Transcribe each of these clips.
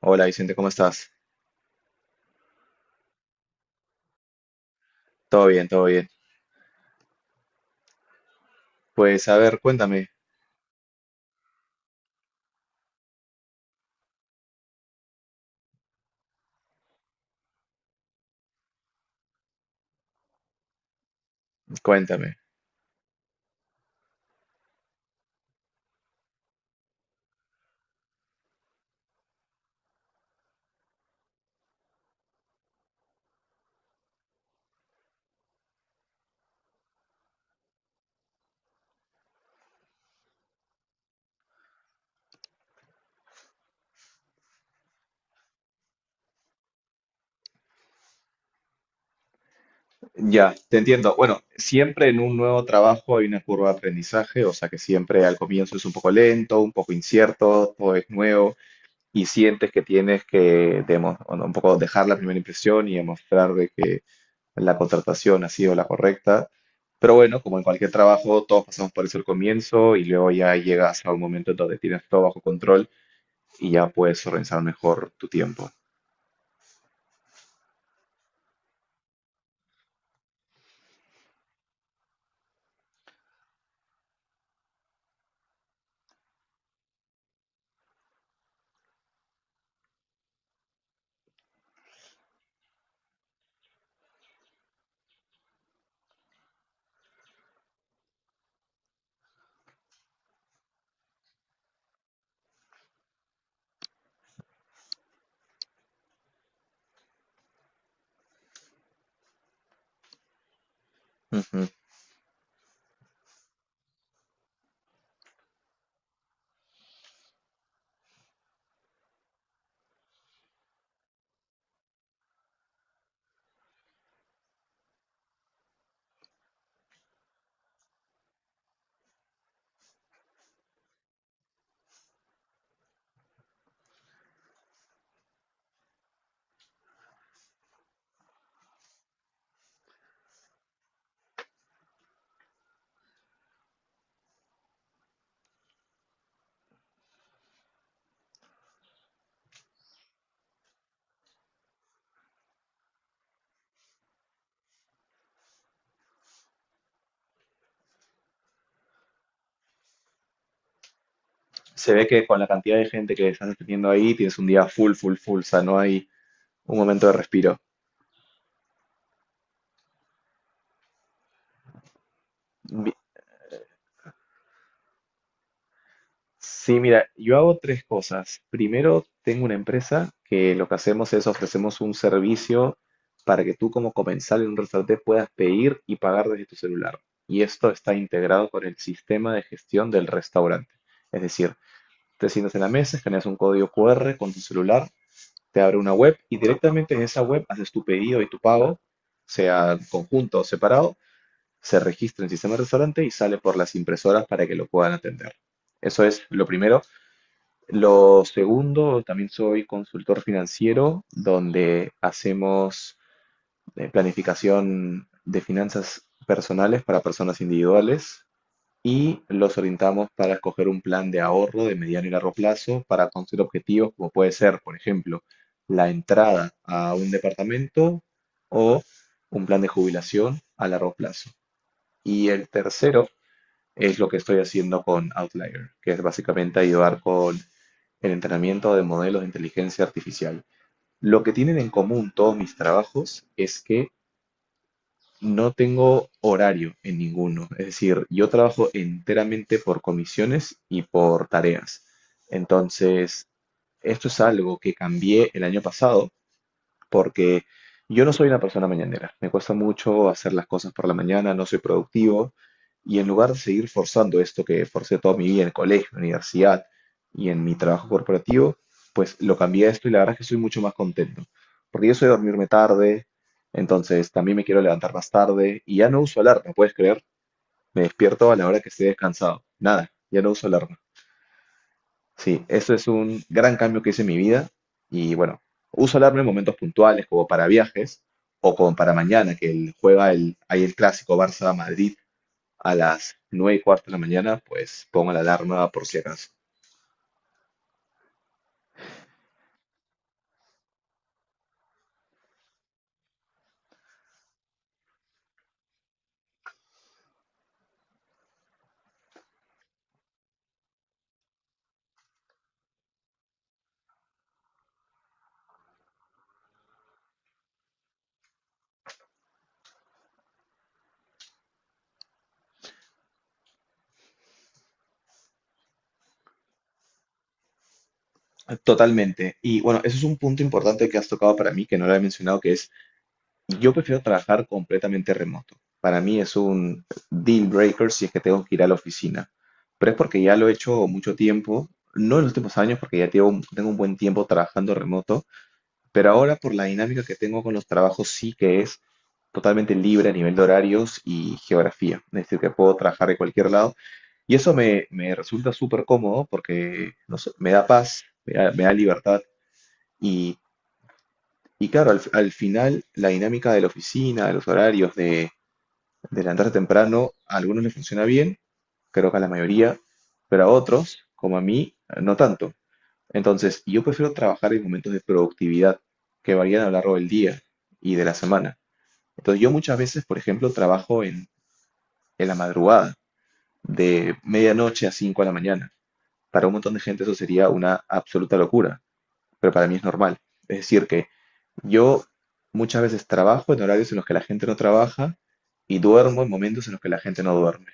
Hola Vicente, ¿cómo estás? Todo bien, todo bien. Pues a ver, cuéntame. Ya, te entiendo. Bueno, siempre en un nuevo trabajo hay una curva de aprendizaje, o sea que siempre al comienzo es un poco lento, un poco incierto, todo es nuevo y sientes que o no, un poco dejar la primera impresión y demostrar de que la contratación ha sido la correcta. Pero bueno, como en cualquier trabajo, todos pasamos por eso al comienzo y luego ya llegas a un momento en donde tienes todo bajo control y ya puedes organizar mejor tu tiempo. Se ve que con la cantidad de gente que estás atendiendo ahí, tienes un día full, full, full, o sea, no hay un momento de respiro. Mi- Sí, mira, yo hago tres cosas. Primero, tengo una empresa que lo que hacemos es ofrecemos un servicio para que tú como comensal en un restaurante puedas pedir y pagar desde tu celular. Y esto está integrado con el sistema de gestión del restaurante. Es decir, te sientas en la mesa, escaneas un código QR con tu celular, te abre una web y directamente en esa web haces tu pedido y tu pago, sea conjunto o separado, se registra en el sistema de restaurante y sale por las impresoras para que lo puedan atender. Eso es lo primero. Lo segundo, también soy consultor financiero, donde hacemos planificación de finanzas personales para personas individuales y los orientamos para escoger un plan de ahorro de mediano y largo plazo para conseguir objetivos como puede ser, por ejemplo, la entrada a un departamento o un plan de jubilación a largo plazo. Y el tercero es lo que estoy haciendo con Outlier, que es básicamente ayudar con el entrenamiento de modelos de inteligencia artificial. Lo que tienen en común todos mis trabajos es que no tengo horario en ninguno, es decir, yo trabajo enteramente por comisiones y por tareas. Entonces, esto es algo que cambié el año pasado porque yo no soy una persona mañanera. Me cuesta mucho hacer las cosas por la mañana, no soy productivo. Y en lugar de seguir forzando esto que forcé toda mi vida en el colegio, universidad y en mi trabajo corporativo, pues lo cambié a esto y la verdad es que soy mucho más contento. Porque yo soy de dormirme tarde, entonces también me quiero levantar más tarde y ya no uso alarma, ¿puedes creer? Me despierto a la hora que esté descansado. Nada, ya no uso alarma. Sí, eso es un gran cambio que hice en mi vida y bueno, uso alarma en momentos puntuales como para viajes o como para mañana juega el, hay el clásico Barça-Madrid a las 9:15 de la mañana, pues pongo la alarma por si acaso. Totalmente. Y bueno, eso es un punto importante que has tocado para mí, que no lo he mencionado, que es: yo prefiero trabajar completamente remoto. Para mí es un deal breaker si es que tengo que ir a la oficina. Pero es porque ya lo he hecho mucho tiempo, no en los últimos años, porque ya tengo un buen tiempo trabajando remoto, pero ahora por la dinámica que tengo con los trabajos sí que es totalmente libre a nivel de horarios y geografía. Es decir, que puedo trabajar de cualquier lado. Y eso me resulta súper cómodo porque, no sé, me da paz, me da libertad y y claro, al final la dinámica de la oficina, de los horarios, de levantarse temprano, a algunos les funciona bien, creo que a la mayoría, pero a otros, como a mí, no tanto. Entonces, yo prefiero trabajar en momentos de productividad que varían a lo largo del día y de la semana. Entonces, yo muchas veces, por ejemplo, en la madrugada, de medianoche a 5 de la mañana. Para un montón de gente eso sería una absoluta locura, pero para mí es normal. Es decir, que yo muchas veces trabajo en horarios en los que la gente no trabaja y duermo en momentos en los que la gente no duerme.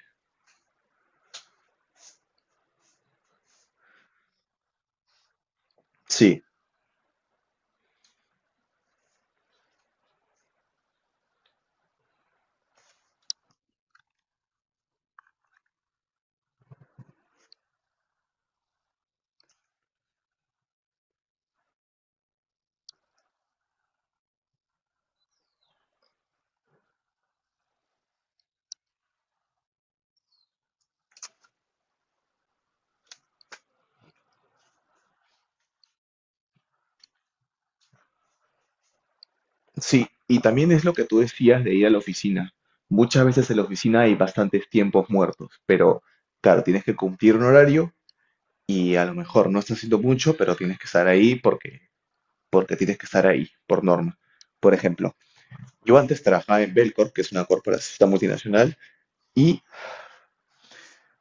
Sí, sí, y también es lo que tú decías de ir a la oficina. Muchas veces en la oficina hay bastantes tiempos muertos, pero claro, tienes que cumplir un horario y a lo mejor no estás haciendo mucho, pero tienes que estar ahí porque, porque tienes que estar ahí, por norma. Por ejemplo, yo antes trabajaba en Belcorp, que es una corporación multinacional, y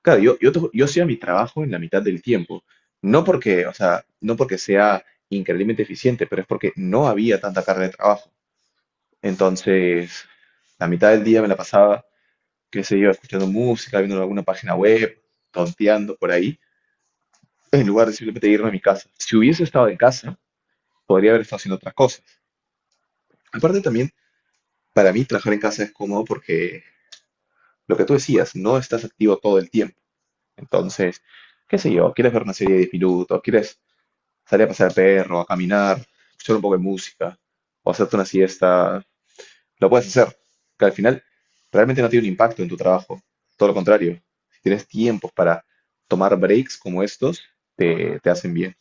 claro, yo hacía mi trabajo en la mitad del tiempo. O sea, no porque sea increíblemente eficiente, pero es porque no había tanta carga de trabajo. Entonces, la mitad del día me la pasaba, qué sé yo, escuchando música, viendo alguna página web, tonteando por ahí, en lugar de simplemente irme a mi casa. Si hubiese estado en casa, podría haber estado haciendo otras cosas. Aparte también, para mí trabajar en casa es cómodo porque lo que tú decías, no estás activo todo el tiempo. Entonces, qué sé yo, quieres ver una serie de 10 minutos, quieres salir a pasear al perro, a caminar, escuchar un poco de música o hacerte una siesta, lo puedes hacer, que al final realmente no tiene un impacto en tu trabajo. Todo lo contrario, si tienes tiempos para tomar breaks como estos, te hacen bien.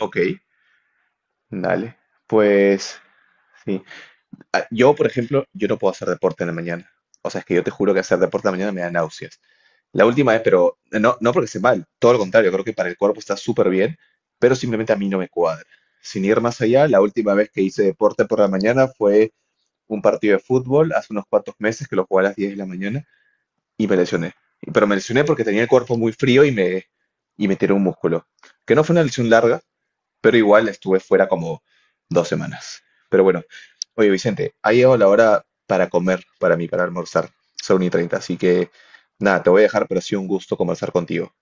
Ok, dale. Pues sí. Ah, yo, por ejemplo, yo no puedo hacer deporte en la mañana. O sea, es que yo te juro que hacer deporte en la mañana me da náuseas. La última vez, pero no, no porque esté mal, todo lo contrario, creo que para el cuerpo está súper bien, pero simplemente a mí no me cuadra. Sin ir más allá, la última vez que hice deporte por la mañana fue un partido de fútbol hace unos cuantos meses que lo jugué a las 10 de la mañana y me lesioné. Pero me lesioné porque tenía el cuerpo muy frío y me tiré un músculo. Que no fue una lesión larga, pero igual estuve fuera como 2 semanas. Pero bueno, oye Vicente, ha llegado la hora para comer, para mí, para almorzar. Son y 30 así que nada, te voy a dejar, pero ha sido un gusto conversar contigo.